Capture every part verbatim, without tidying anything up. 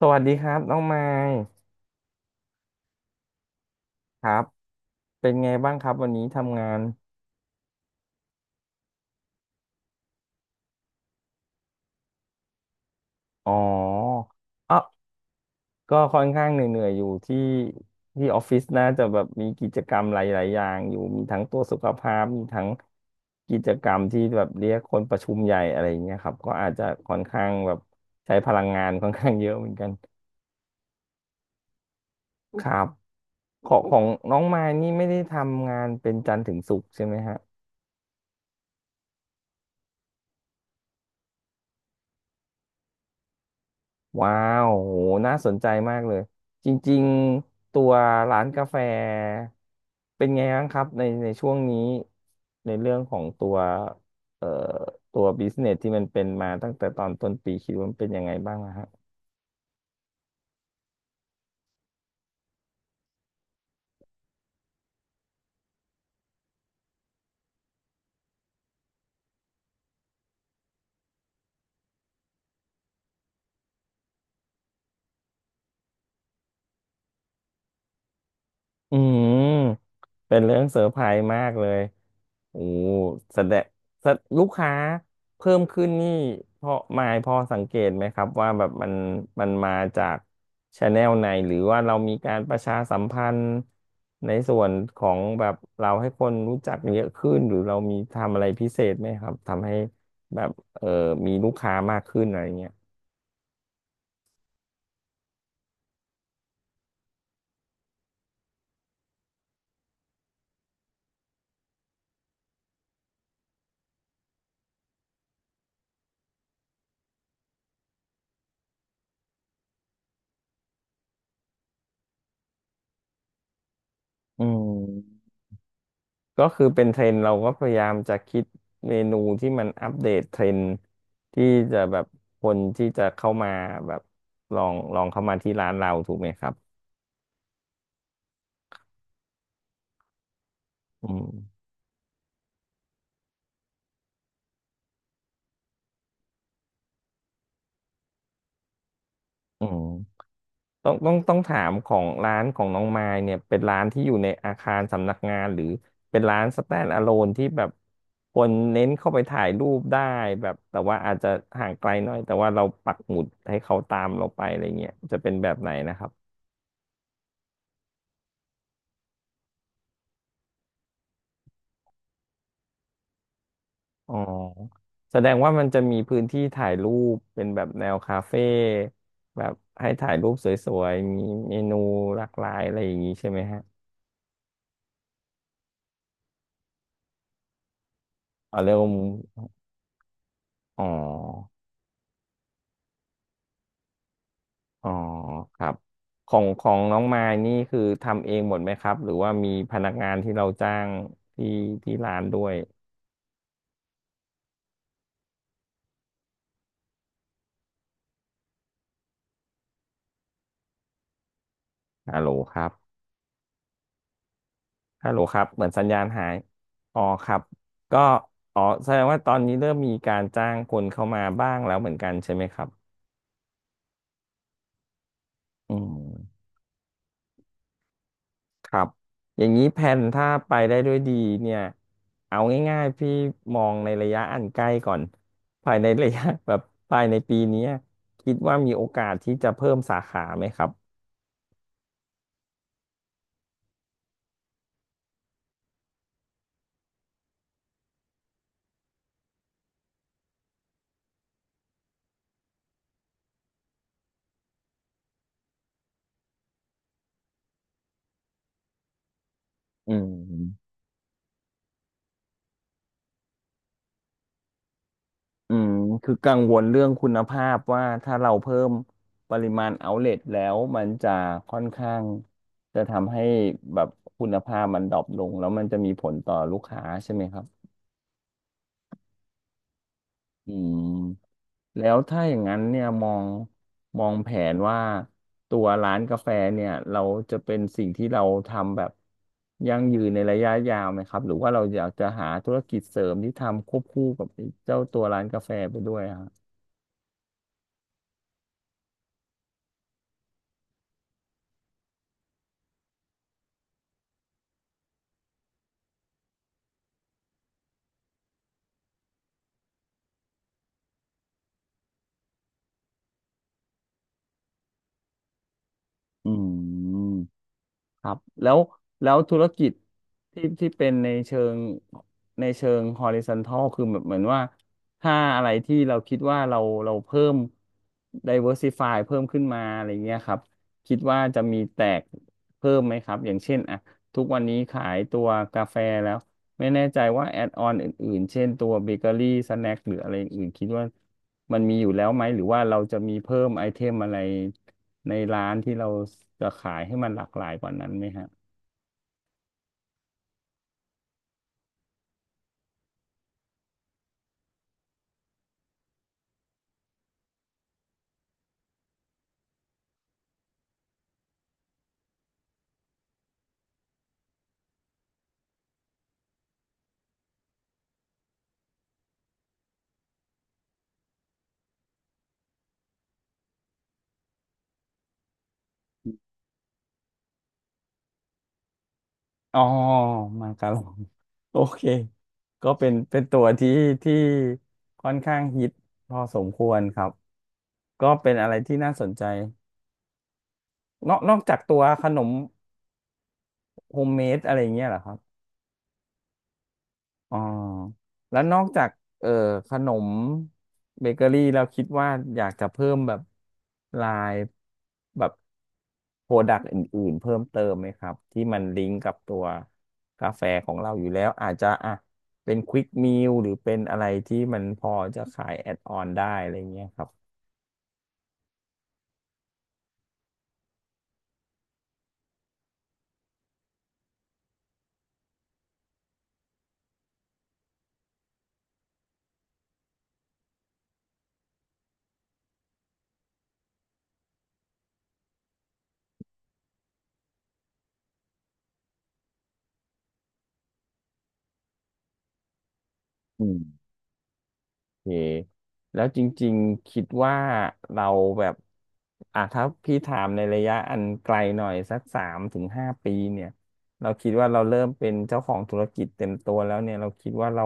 สวัสดีครับน้องไมค์ครับเป็นไงบ้างครับวันนี้ทำงานอ๋อออก็ค่อนข้างเหนื่อยๆอยู่ที่ที่ออฟฟิศน่าจะแบบมีกิจกรรมหลายๆอย่างอยู่มีทั้งตัวจสุขภาพมีทั้งกิจกรรมที่แบบเรียกคนประชุมใหญ่อะไรอย่างเงี้ยครับก็อาจจะค่อนข้างแบบใช้พลังงาน ค่อนข้างเยอะเหมือนกันครับของของน้องไมค์นี่ไม่ได้ทำงานเป็นจันทร์ถึงศุกร์ใช่ไหมฮะ ว้าวโหน่าสนใจมากเลยจริงๆตัวร้านกาแฟเป็นไงบ้างครับในในช่วงนี้ในเรื่องของตัวเอ่อตัวบิสเนสที่มันเป็นมาตั้งแต่ตอนต้นปีคิดว่ามันเป็นยังไงบ้างอะฮะ อืมเป็นเรื่องเซอร์ไพรส์มากเลยโอ้แสดงแสดลูกค้าเพิ่มขึ้นนี่พอมายพอสังเกตไหมครับว่าแบบมันมันมาจากชาแนลไหนหรือว่าเรามีการประชาสัมพันธ์ในส่วนของแบบเราให้คนรู้จักเยอะขึ้นหรือเรามีทำอะไรพิเศษไหมครับทำให้แบบเออมีลูกค้ามากขึ้นอะไรเงี้ยอืม ก็คือเป็นเทรนด์เราก็พยายามจะคิดเมนูที่มันอัปเดตเทรนด์ที่จะแบบคนที่จะเข้ามาแบบลองลองเข้ามาที่ร้านเราถูกไหมครับอืมอืมต้องต้องต้องถามของร้านของน้องมายเนี่ยเป็นร้านที่อยู่ในอาคารสำนักงานหรือเป็นร้าน stand alone ที่แบบคนเน้นเข้าไปถ่ายรูปได้แบบแต่ว่าอาจจะห่างไกลหน่อยแต่ว่าเราปักหมุดให้เขาตามเราไปอะไรเงี้ยจะเป็นแบบไหนนะครับ อ๋อแสดงว่ามันจะมีพื้นที่ถ่ายรูปเป็นแบบแนวคาเฟ่แบบให้ถ่ายรูปสวยๆมีเมนูหลากหลายอะไรอย่างนี้ใช่ไหมฮะอ๋อเริ่มอ๋ออ๋อครับของของน้องมายนี่คือทำเองหมดไหมครับหรือว่ามีพนักงานที่เราจ้างที่ที่ร้านด้วยฮัลโหลครับฮัลโหลครับเหมือนสัญญาณหายอ๋อครับก็อ๋อแสดงว่าตอนนี้เริ่มมีการจ้างคนเข้ามาบ้างแล้วเหมือนกันใช่ไหมครับอืม ครับอย่างนี้แผนถ้าไปได้ด้วยดีเนี่ยเอาง่ายๆพี่มองในระยะอันใกล้ก่อนภายในระยะ แบบภายในปีเนี้ยคิดว่ามีโอกาสที่จะเพิ่มสาขาไหมครับอืมอืมคือกังวลเรื่องคุณภาพว่าถ้าเราเพิ่มปริมาณเอาเล t แล้วมันจะค่อนข้างจะทำให้แบบคุณภาพมันดรอปลงแล้วมันจะมีผลต่อลูกค้าใช่ไหมครับอืม แล้วถ้าอย่างนั้นเนี่ยมองมองแผนว่าตัวร้านกาแฟเนี่ยเราจะเป็นสิ่งที่เราทำแบบยั่งยืนในระยะยาวไหมครับหรือว่าเราอยากจะหาธุรกิจเสริมที่ทำควบคู่กับไอ้เจ้าตัวร้านกาแฟไปด้วยอะครับอืม ครับแล้วแล้วธุรกิจที่ที่เป็นในเชิงในเชิง horizontal คือแบบเหมือนว่าถ้าอะไรที่เราคิดว่าเราเราเพิ่ม diversify เพิ่มขึ้นมาอะไรเงี้ยครับคิดว่าจะมีแตกเพิ่มไหมครับอย่างเช่นอ่ะทุกวันนี้ขายตัวกาแฟแล้วไม่แน่ใจว่าแอดออนอื่นๆเช่นตัวเบเกอรี่สแน็คหรืออะไรอื่นคิดว่า มันมีอยู่แล้วไหมหรือว่าเราจะมีเพิ่มไอเทมอะไรในร้านที่เราจะขายให้มันหลากหลายกว่านั้นไหมฮะอ๋อมาการอง โอเคก็เป็นเป็นตัวที่ที่ค่อนข้างฮิตพอสมควรครับก็เป็นอะไรที่น่าสนใจนอกนอกจากตัวขนมโฮมเมดอะไรอย่างเงี้ยเหรอครับ อ๋อแล้วนอกจากเอ่อขนมเบเกอรี่เราคิดว่าอยากจะเพิ่มแบบลายแบบโปรดักต์อื่นๆเพิ่มเติมไหมครับที่มันลิงก์กับตัวกาแฟของเราอยู่แล้วอาจจะอ่ะเป็นควิกม a ลหรือเป็นอะไรที่มันพอจะขายแอดออนได้อะไรเงี้ยครับอืม เคแล้วจริงๆคิดว่าเราแบบอ่ะถ้าพี่ถามในระยะอันไกลหน่อยสักสามถึงห้าปีเนี่ยเราคิดว่าเราเริ่มเป็นเจ้าของธุรกิจเต็มตัวแล้วเนี่ยเราคิดว่าเรา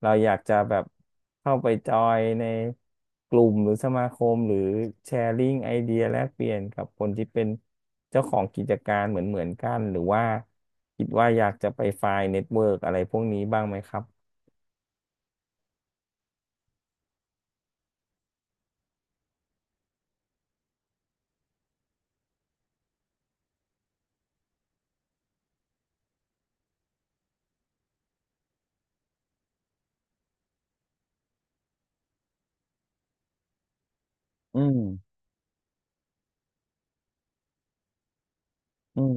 เราอยากจะแบบเข้าไปจอยในกลุ่มหรือสมาคมหรือแชร์ลิงไอเดียแลกเปลี่ยนกับคนที่เป็นเจ้าของกิจการเหมือนเหมือนกันหรือว่าคิดว่าอยากจะไปไฟล์เน็ตเวิร์กอะไรพวกนี้บ้างไหมครับอืมอืม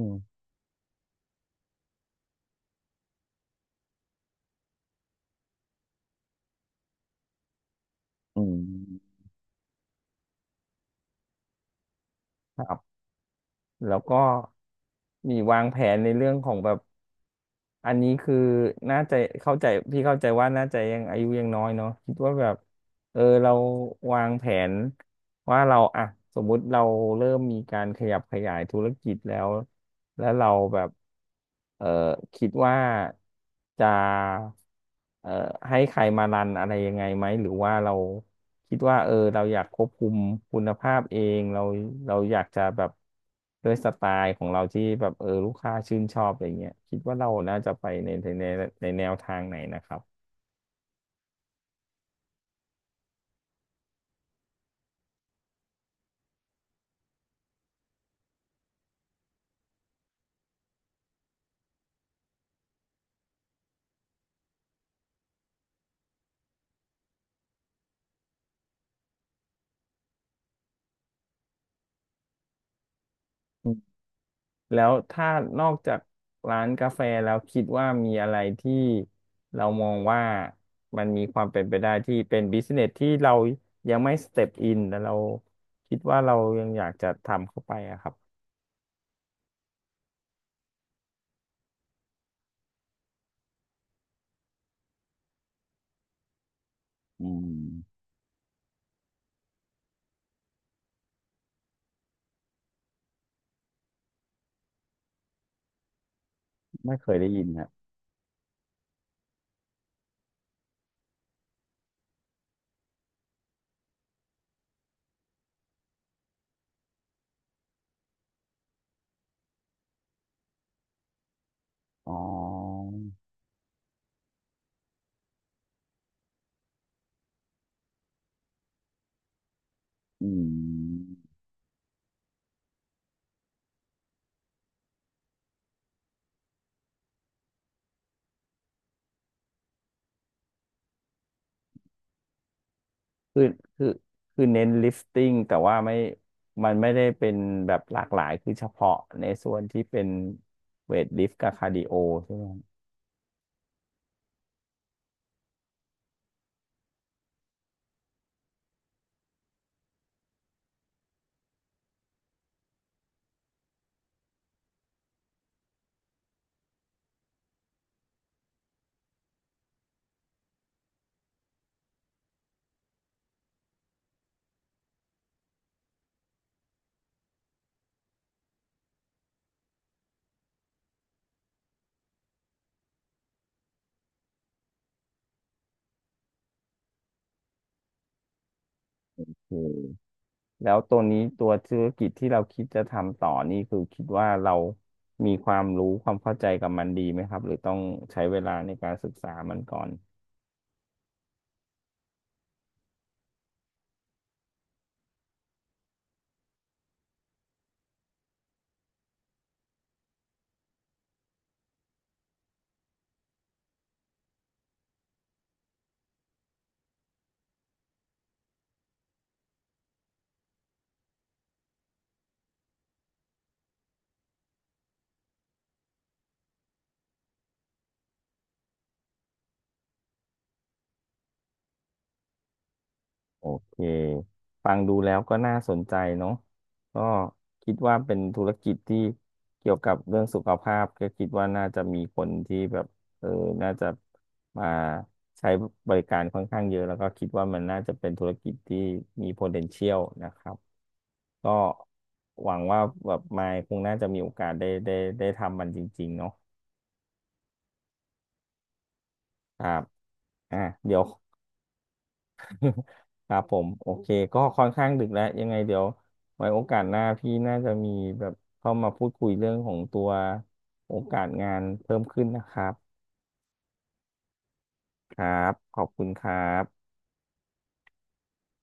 อืม ครับแล้วก็มีวางแผนในเรื่องของแบบอันนี้คือน่าจะเข้าใจพี่เข้าใจว่าน่าจะยังอายุยังน้อยเนาะคิดว่าแบบ เออเราวางแผนว่าเราอ่ะสมมุติเราเริ่มมีการขยับขยายธุรกิจแล้วแล้วเราแบบเออคิดว่าจะเออให้ใครมารันอะไรยังไงไหมหรือว่าเราคิดว่าเออเราอยากควบคุมคุณภาพเองเราเราอยากจะแบบด้วยสไตล์ของเราที่แบบเออลูกค้าชื่นชอบอะไรเงี้ยคิดว่าเราน่าจะไปในในในในแนวทางไหนนะครับ แล้วถ้านอกจากร้านกาแฟแล้วคิดว่ามีอะไรที่เรามองว่ามันมีความเป็นไปได้ที่เป็นบิสเนสที่เรายังไม่สเต็ปอินแต่เราคิดว่าเรายังอยากจะทำเข้าไปอะครับอืมไม่เคยได้ยินครับอ๋ออืมคือคือคือเน้นลิฟติ้งแต่ว่าไม่มันไม่ได้เป็นแบบหลากหลายคือเฉพาะในส่วนที่เป็นเวทลิฟต์กับคาร์ดิโอใช่ไหมครับโอ้ แล้วตัวนี้ตัวธุรกิจที่เราคิดจะทำต่อนี่คือคิดว่าเรามีความรู้ความเข้าใจกับมันดีไหมครับหรือต้องใช้เวลาในการศึกษามันก่อนโอเคฟังดูแล้วก็น่าสนใจเนาะก็คิดว่าเป็นธุรกิจที่เกี่ยวกับเรื่องสุขภาพก็คิดว่าน่าจะมีคนที่แบบเออน่าจะมาใช้บริการค่อนข้างเยอะแล้วก็คิดว่ามันน่าจะเป็นธุรกิจที่มี potential นะครับ ก็หวังว่าแบบมายคงน่าจะมีโอกาสได้ได้ได้ทำมันจริงๆเนาะครับอ่ะเดี๋ยวครับผมโอเคก็ค่อนข้างดึกแล้วยังไงเดี๋ยวไว้โอกาสหน้าพี่น่าจะมีแบบเข้ามาพูดคุยเรื่องของตัวโอกาสงานเพิ่มขึ้นนะครับครับขอบคุณครับ